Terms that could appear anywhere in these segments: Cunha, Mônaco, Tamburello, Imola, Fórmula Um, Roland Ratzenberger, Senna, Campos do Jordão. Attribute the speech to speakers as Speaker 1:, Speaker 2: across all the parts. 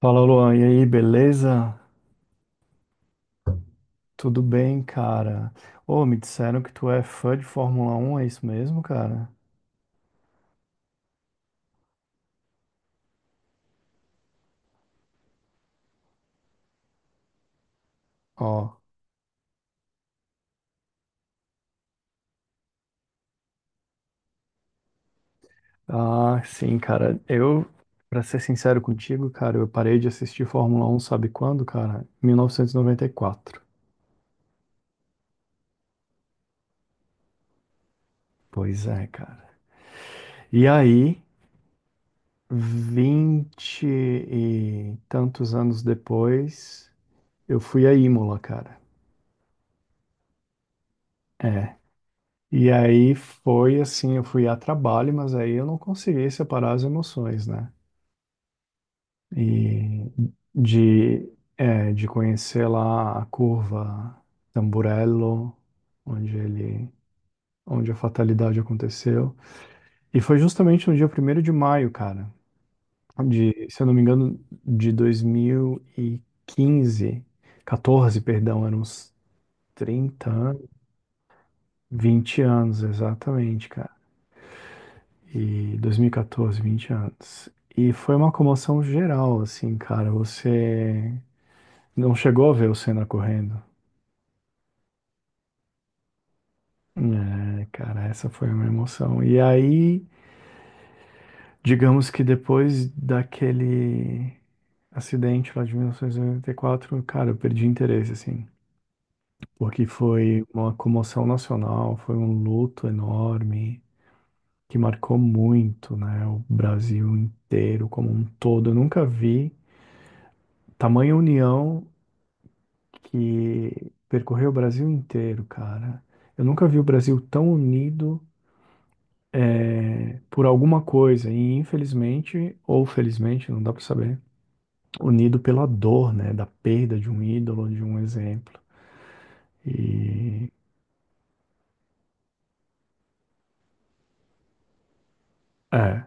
Speaker 1: Fala, Luan. E aí, beleza? Tudo bem, cara? Ô, me disseram que tu é fã de Fórmula Um, é isso mesmo, cara? Ó. Ah, sim, cara. Pra ser sincero contigo, cara, eu parei de assistir Fórmula Um, sabe quando, cara? 1994. Pois é, cara. E aí, vinte e tantos anos depois, eu fui a Imola, cara. É. E aí foi assim, eu fui a trabalho, mas aí eu não consegui separar as emoções, né? E de, de conhecer lá a curva Tamburello, onde ele, onde a fatalidade aconteceu. E foi justamente no dia primeiro de maio, cara, de, se eu não me engano, de dois mil e quinze, 14, perdão, eram uns 30 anos, 20 anos, exatamente, cara. E 2014, 20 anos. E foi uma comoção geral, assim, cara. Você não chegou a ver o Senna correndo. É, cara, essa foi uma emoção. E aí, digamos que depois daquele acidente lá de 1994, cara, eu perdi interesse, assim. Porque foi uma comoção nacional, foi um luto enorme, que marcou muito, né, o Brasil inteiro como um todo. Eu nunca vi tamanha união que percorreu o Brasil inteiro, cara. Eu nunca vi o Brasil tão unido por alguma coisa, e infelizmente, ou felizmente, não dá pra saber, unido pela dor, né, da perda de um ídolo, de um exemplo. E é,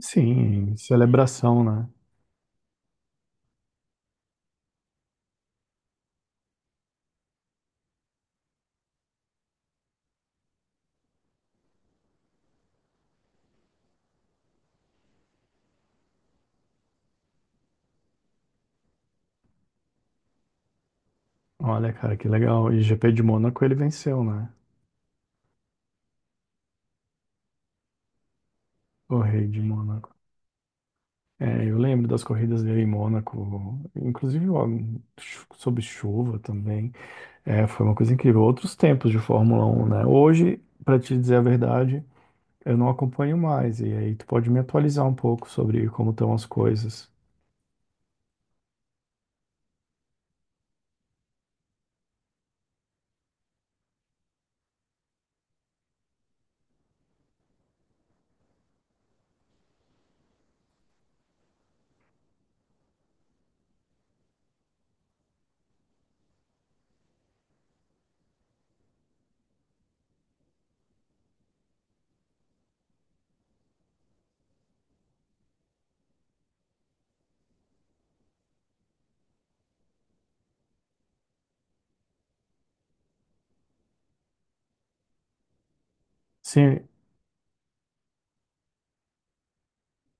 Speaker 1: sim, celebração, né? Olha, cara, que legal. E GP de Mônaco ele venceu, né? O rei de Mônaco. É, eu lembro das corridas dele em Mônaco, inclusive ó, sob chuva também. É, foi uma coisa incrível. Outros tempos de Fórmula 1, né? Hoje, pra te dizer a verdade, eu não acompanho mais. E aí tu pode me atualizar um pouco sobre como estão as coisas. Sim,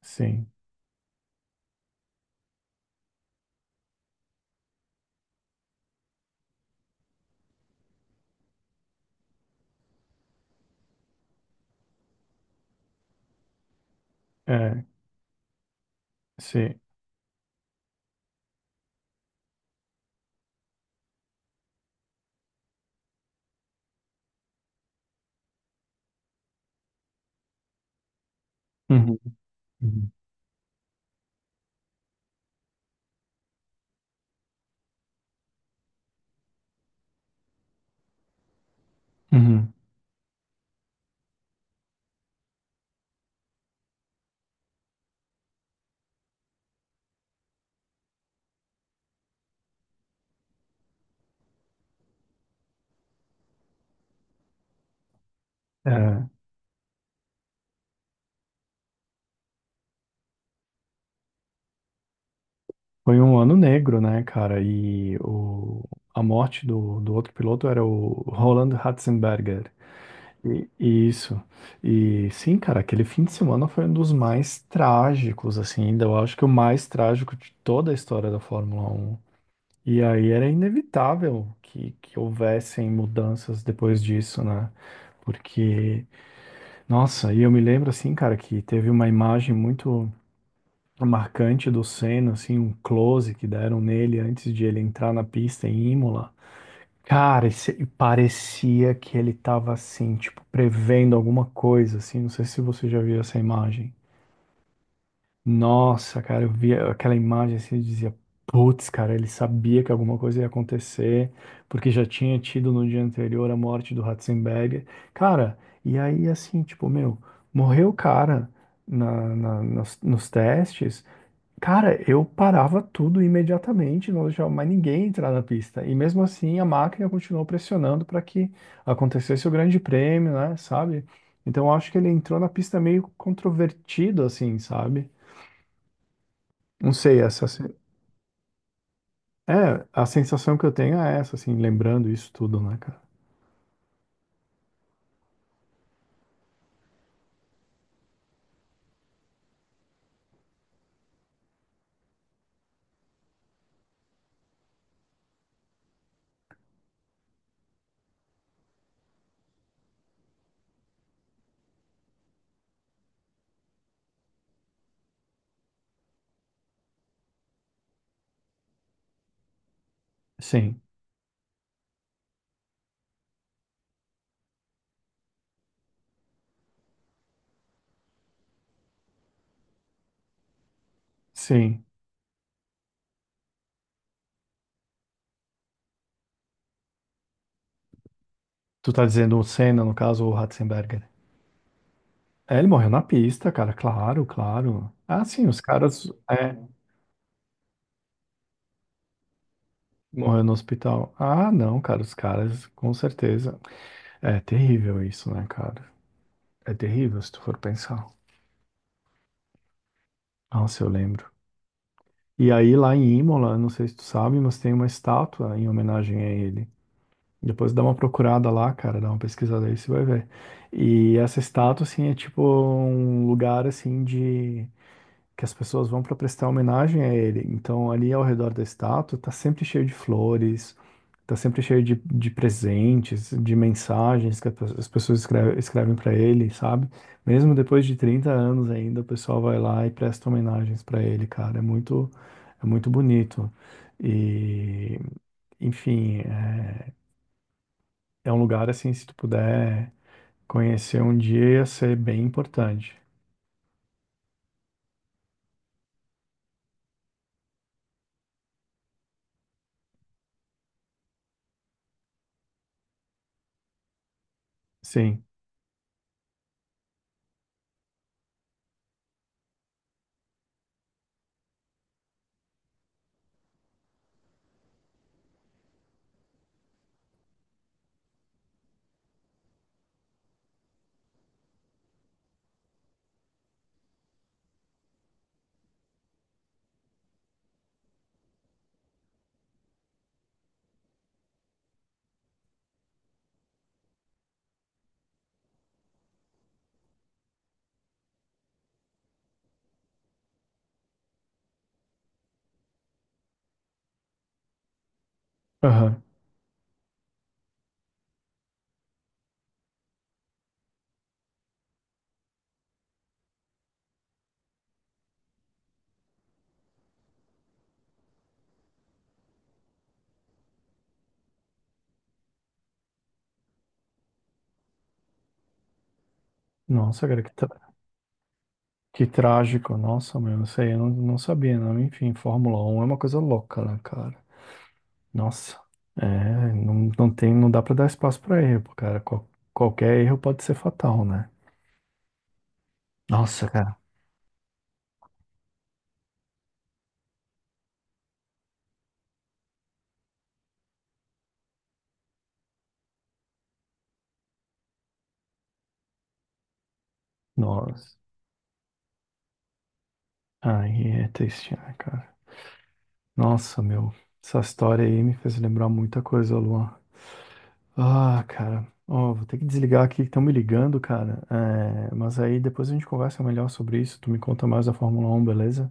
Speaker 1: sim, é, sim. Uhum, uhum, uhum. É, foi um ano negro, né, cara? A morte do outro piloto era o Roland Ratzenberger. Isso. E sim, cara, aquele fim de semana foi um dos mais trágicos, assim, ainda eu acho que o mais trágico de toda a história da Fórmula Um. E aí era inevitável que houvessem mudanças depois disso, né? Porque, nossa, e eu me lembro, assim, cara, que teve uma imagem muito marcante do Senna, assim, um close que deram nele antes de ele entrar na pista em Imola. Cara, e parecia que ele tava assim, tipo, prevendo alguma coisa, assim. Não sei se você já viu essa imagem. Nossa, cara, eu via aquela imagem assim e dizia, putz, cara, ele sabia que alguma coisa ia acontecer, porque já tinha tido no dia anterior a morte do Ratzenberger. Cara, e aí assim, tipo, meu, morreu o cara nos testes. Cara, eu parava tudo imediatamente, não deixava mais ninguém entrar na pista. E mesmo assim, a máquina continuou pressionando para que acontecesse o Grande Prêmio, né? Sabe? Então, eu acho que ele entrou na pista meio controvertido, assim, sabe? Não sei, essa se- é a sensação que eu tenho é essa, assim, lembrando isso tudo, né, cara? Sim, sim. Tu tá dizendo o Senna, no caso, ou o Ratzenberger? É, ele morreu na pista, cara, claro, claro. Ah, sim, os caras. É, Morreu no hospital. Ah, não, cara, os caras, com certeza. É terrível isso, né, cara? É terrível se tu for pensar. Nossa, eu lembro. E aí, lá em Imola, não sei se tu sabe, mas tem uma estátua em homenagem a ele. Depois dá uma procurada lá, cara, dá uma pesquisada aí, você vai ver. E essa estátua, assim, é tipo um lugar, assim, de... que as pessoas vão para prestar homenagem a ele. Então, ali ao redor da estátua, tá sempre cheio de flores, tá sempre cheio de presentes, de mensagens que as pessoas escrevem para ele, sabe? Mesmo depois de 30 anos ainda, o pessoal vai lá e presta homenagens para ele, cara. É muito bonito. E, enfim, é, é um lugar assim, se tu puder conhecer um dia, ia ser bem importante. Sim. Aham. Nossa, cara, que, tra- que trágico. Nossa, meu, isso aí eu não, não sabia, não. Enfim, Fórmula Um é uma coisa louca, né, cara? Nossa, é, não tem, não dá pra dar espaço pra erro, cara. Qualquer erro pode ser fatal, né? Nossa, cara. Nossa, aí é triste, né, cara? Nossa, meu, essa história aí me fez lembrar muita coisa, Luan. Ah, cara, ó, vou ter que desligar aqui que estão me ligando, cara. É, mas aí depois a gente conversa melhor sobre isso. Tu me conta mais da Fórmula Um, beleza?